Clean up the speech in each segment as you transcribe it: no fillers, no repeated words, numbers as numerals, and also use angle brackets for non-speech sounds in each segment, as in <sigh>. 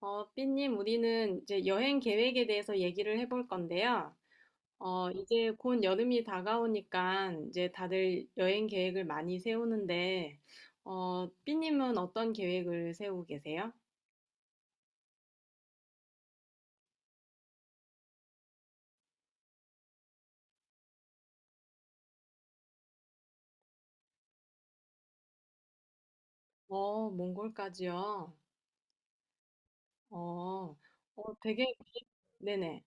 삐님, 우리는 이제 여행 계획에 대해서 얘기를 해볼 건데요. 이제 곧 여름이 다가오니까 이제 다들 여행 계획을 많이 세우는데, 삐님은 어떤 계획을 세우고 계세요? 몽골까지요? 어, 어, 되게, 네네.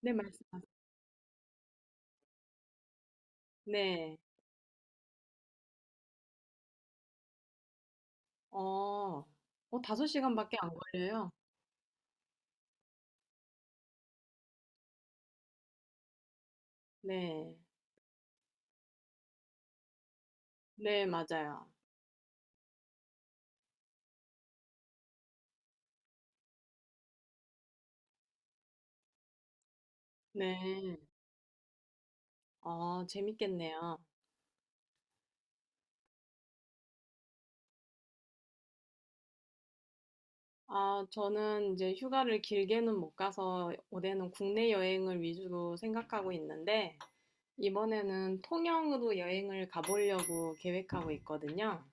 네, 말씀하세요. 네. 어, 5시간밖에 안 걸려요? 네. 네, 맞아요. 네. 재밌겠네요. 아, 저는 이제 휴가를 길게는 못 가서 올해는 국내 여행을 위주로 생각하고 있는데, 이번에는 통영으로 여행을 가보려고 계획하고 있거든요.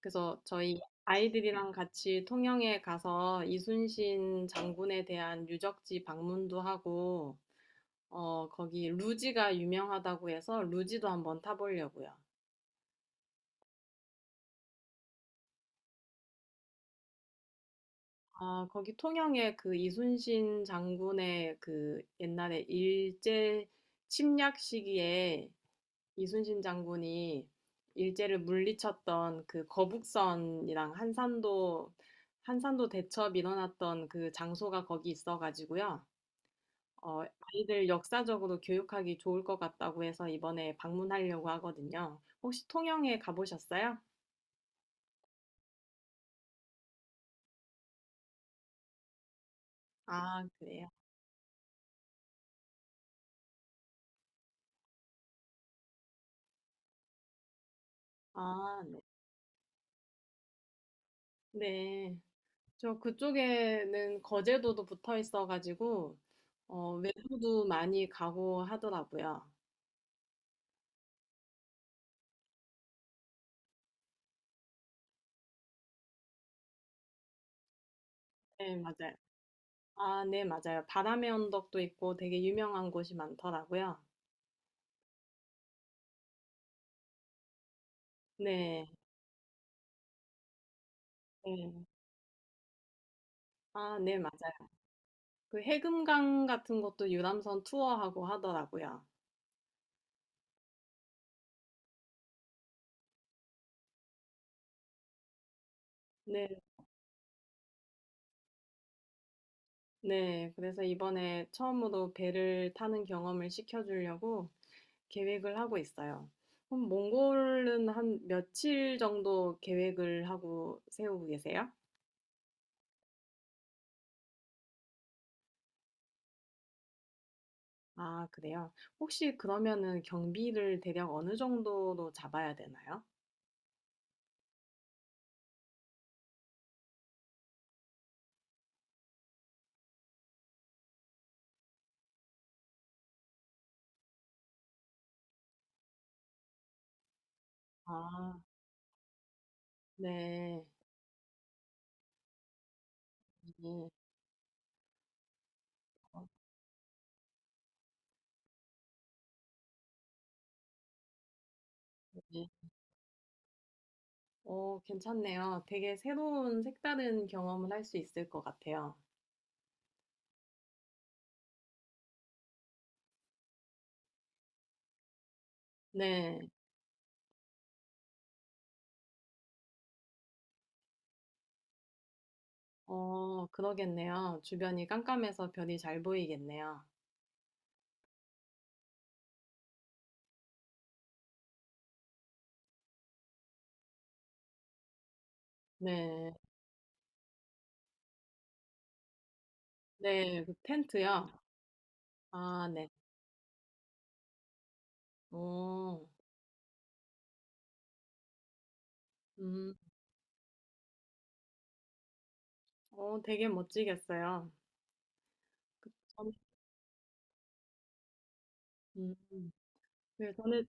그래서 저희 아이들이랑 같이 통영에 가서 이순신 장군에 대한 유적지 방문도 하고, 거기 루지가 유명하다고 해서 루지도 한번 타보려고요. 아 거기 통영에 그 이순신 장군의 그 옛날에 일제 침략 시기에 이순신 장군이 일제를 물리쳤던 그 거북선이랑 한산도 대첩 일어났던 그 장소가 거기 있어가지고요. 아이들 역사적으로 교육하기 좋을 것 같다고 해서 이번에 방문하려고 하거든요. 혹시 통영에 가보셨어요? 아, 그래요? 아, 네. 네. 저 그쪽에는 거제도도 붙어 있어가지고 외부도 많이 가고 하더라고요. 네, 맞아요. 아, 네, 맞아요. 바람의 언덕도 있고 되게 유명한 곳이 많더라고요. 네, 네. 아, 네, 맞아요. 그 해금강 같은 것도 유람선 투어하고 하더라고요. 네, 네. 그래서 이번에 처음으로 배를 타는 경험을 시켜주려고 계획을 하고 있어요. 그럼 몽골은 한 며칠 정도 계획을 하고 세우고 계세요? 아, 그래요? 혹시 그러면은 경비를 대략 어느 정도로 잡아야 되나요? 아, 네. 네. 어, 네. 괜찮네요. 되게 새로운 색다른 경험을 할 수 있을 것 같아요. 네. 그러겠네요. 주변이 깜깜해서 별이 잘 보이겠네요. 네. 네. 그 텐트요? 아, 네. 오, 음. 되게 멋지겠어요. 그- 저는- 음, 네, 저는,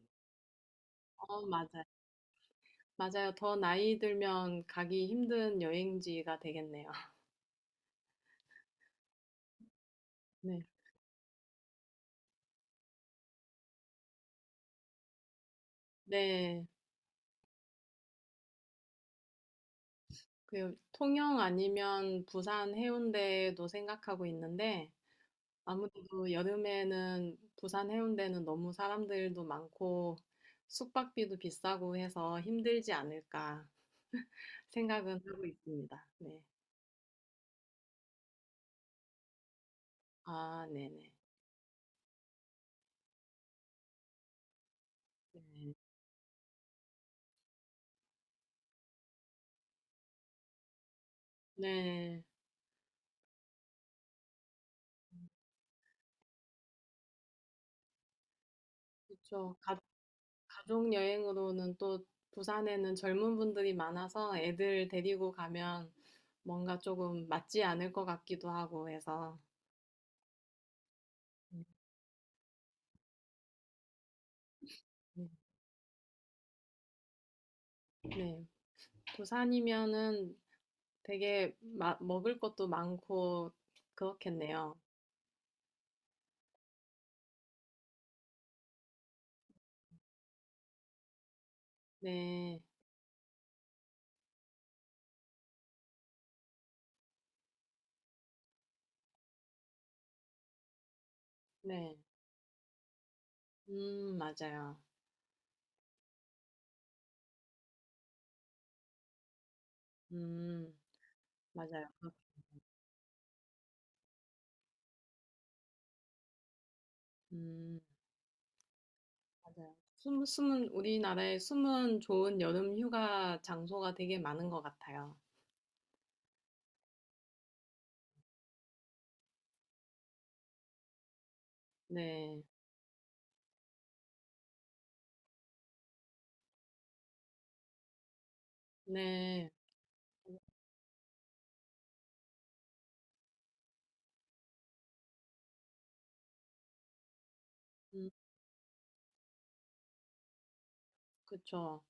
어, 맞아요. 맞아요. 더 나이 들면 가기 힘든 여행지가 되겠네요. <laughs> 네. 네. 그 통영 아니면 부산 해운대도 생각하고 있는데 아무래도 여름에는 부산 해운대는 너무 사람들도 많고 숙박비도 비싸고 해서 힘들지 않을까 생각은 하고 있습니다. 네. 아, 네네. 네. 네. 그렇죠. 가족 여행으로는 또 부산에는 젊은 분들이 많아서 애들 데리고 가면 뭔가 조금 맞지 않을 것 같기도 하고 해서. 음, 네. 부산이면은 되게 먹을 것도 많고 그렇겠네요. 네. 네. 맞아요. 음, 맞아요. 음, 맞아요. 우리나라에 숨은 좋은 여름 휴가 장소가 되게 많은 것 같아요. 네. 네. 음. 그쵸.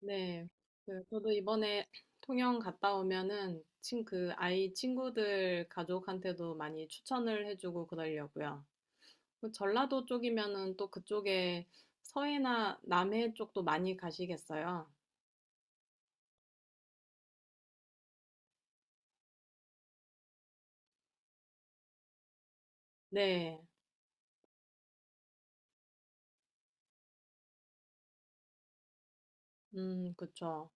네. 그 저도 이번에 통영 갔다 오면은 그 아이 친구들 가족한테도 많이 추천을 해주고 그러려고요. 그 전라도 쪽이면은 또 그쪽에 서해나 남해 쪽도 많이 가시겠어요. 네. 그쵸.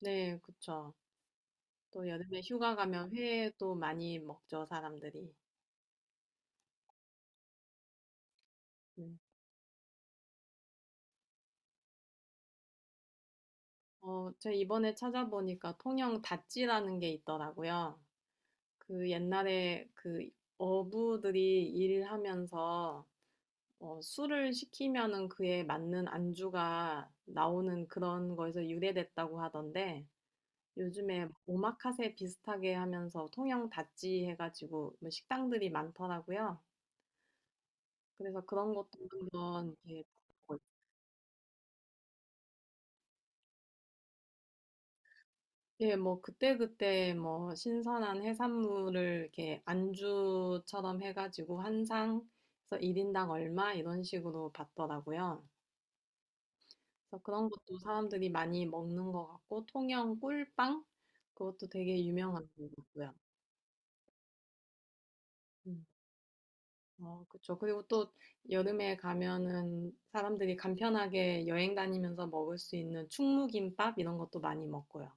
네, 그쵸. 또 여름에 휴가 가면 회도 많이 먹죠, 사람들이. 네. 제가 이번에 찾아보니까 통영 다찌라는 게 있더라고요. 그 옛날에 그 어부들이 일하면서 술을 시키면은 그에 맞는 안주가 나오는 그런 거에서 유래됐다고 하던데 요즘에 오마카세 비슷하게 하면서 통영 다찌 해가지고 뭐 식당들이 많더라고요. 그래서 그런 것도 한번 이렇게 먹 예, 뭐 그때그때 뭐 신선한 해산물을 이렇게 안주처럼 해가지고 한 상, 그래서 일인당 얼마 이런 식으로 받더라고요. 그래서 그런 것도 사람들이 많이 먹는 것 같고, 통영 꿀빵? 그것도 되게 유명한 것 같고요. 음. 그쵸. 그리고 또 여름에 가면은 사람들이 간편하게 여행 다니면서 먹을 수 있는 충무김밥 이런 것도 많이 먹고요.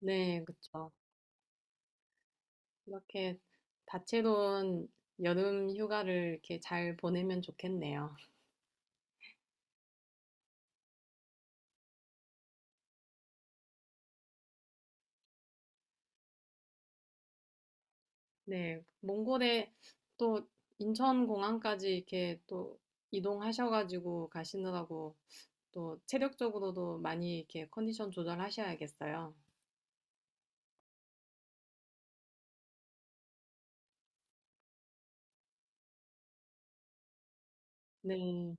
네, 그쵸. 이렇게 다채로운 여름 휴가를 이렇게 잘 보내면 좋겠네요. 네, 몽골에 또 인천공항까지 이렇게 또 이동하셔가지고 가시느라고 또 체력적으로도 많이 이렇게 컨디션 조절하셔야겠어요. 네.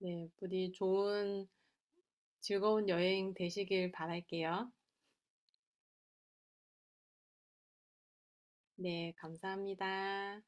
네. 부디 좋은 즐거운 여행 되시길 바랄게요. 네. 감사합니다.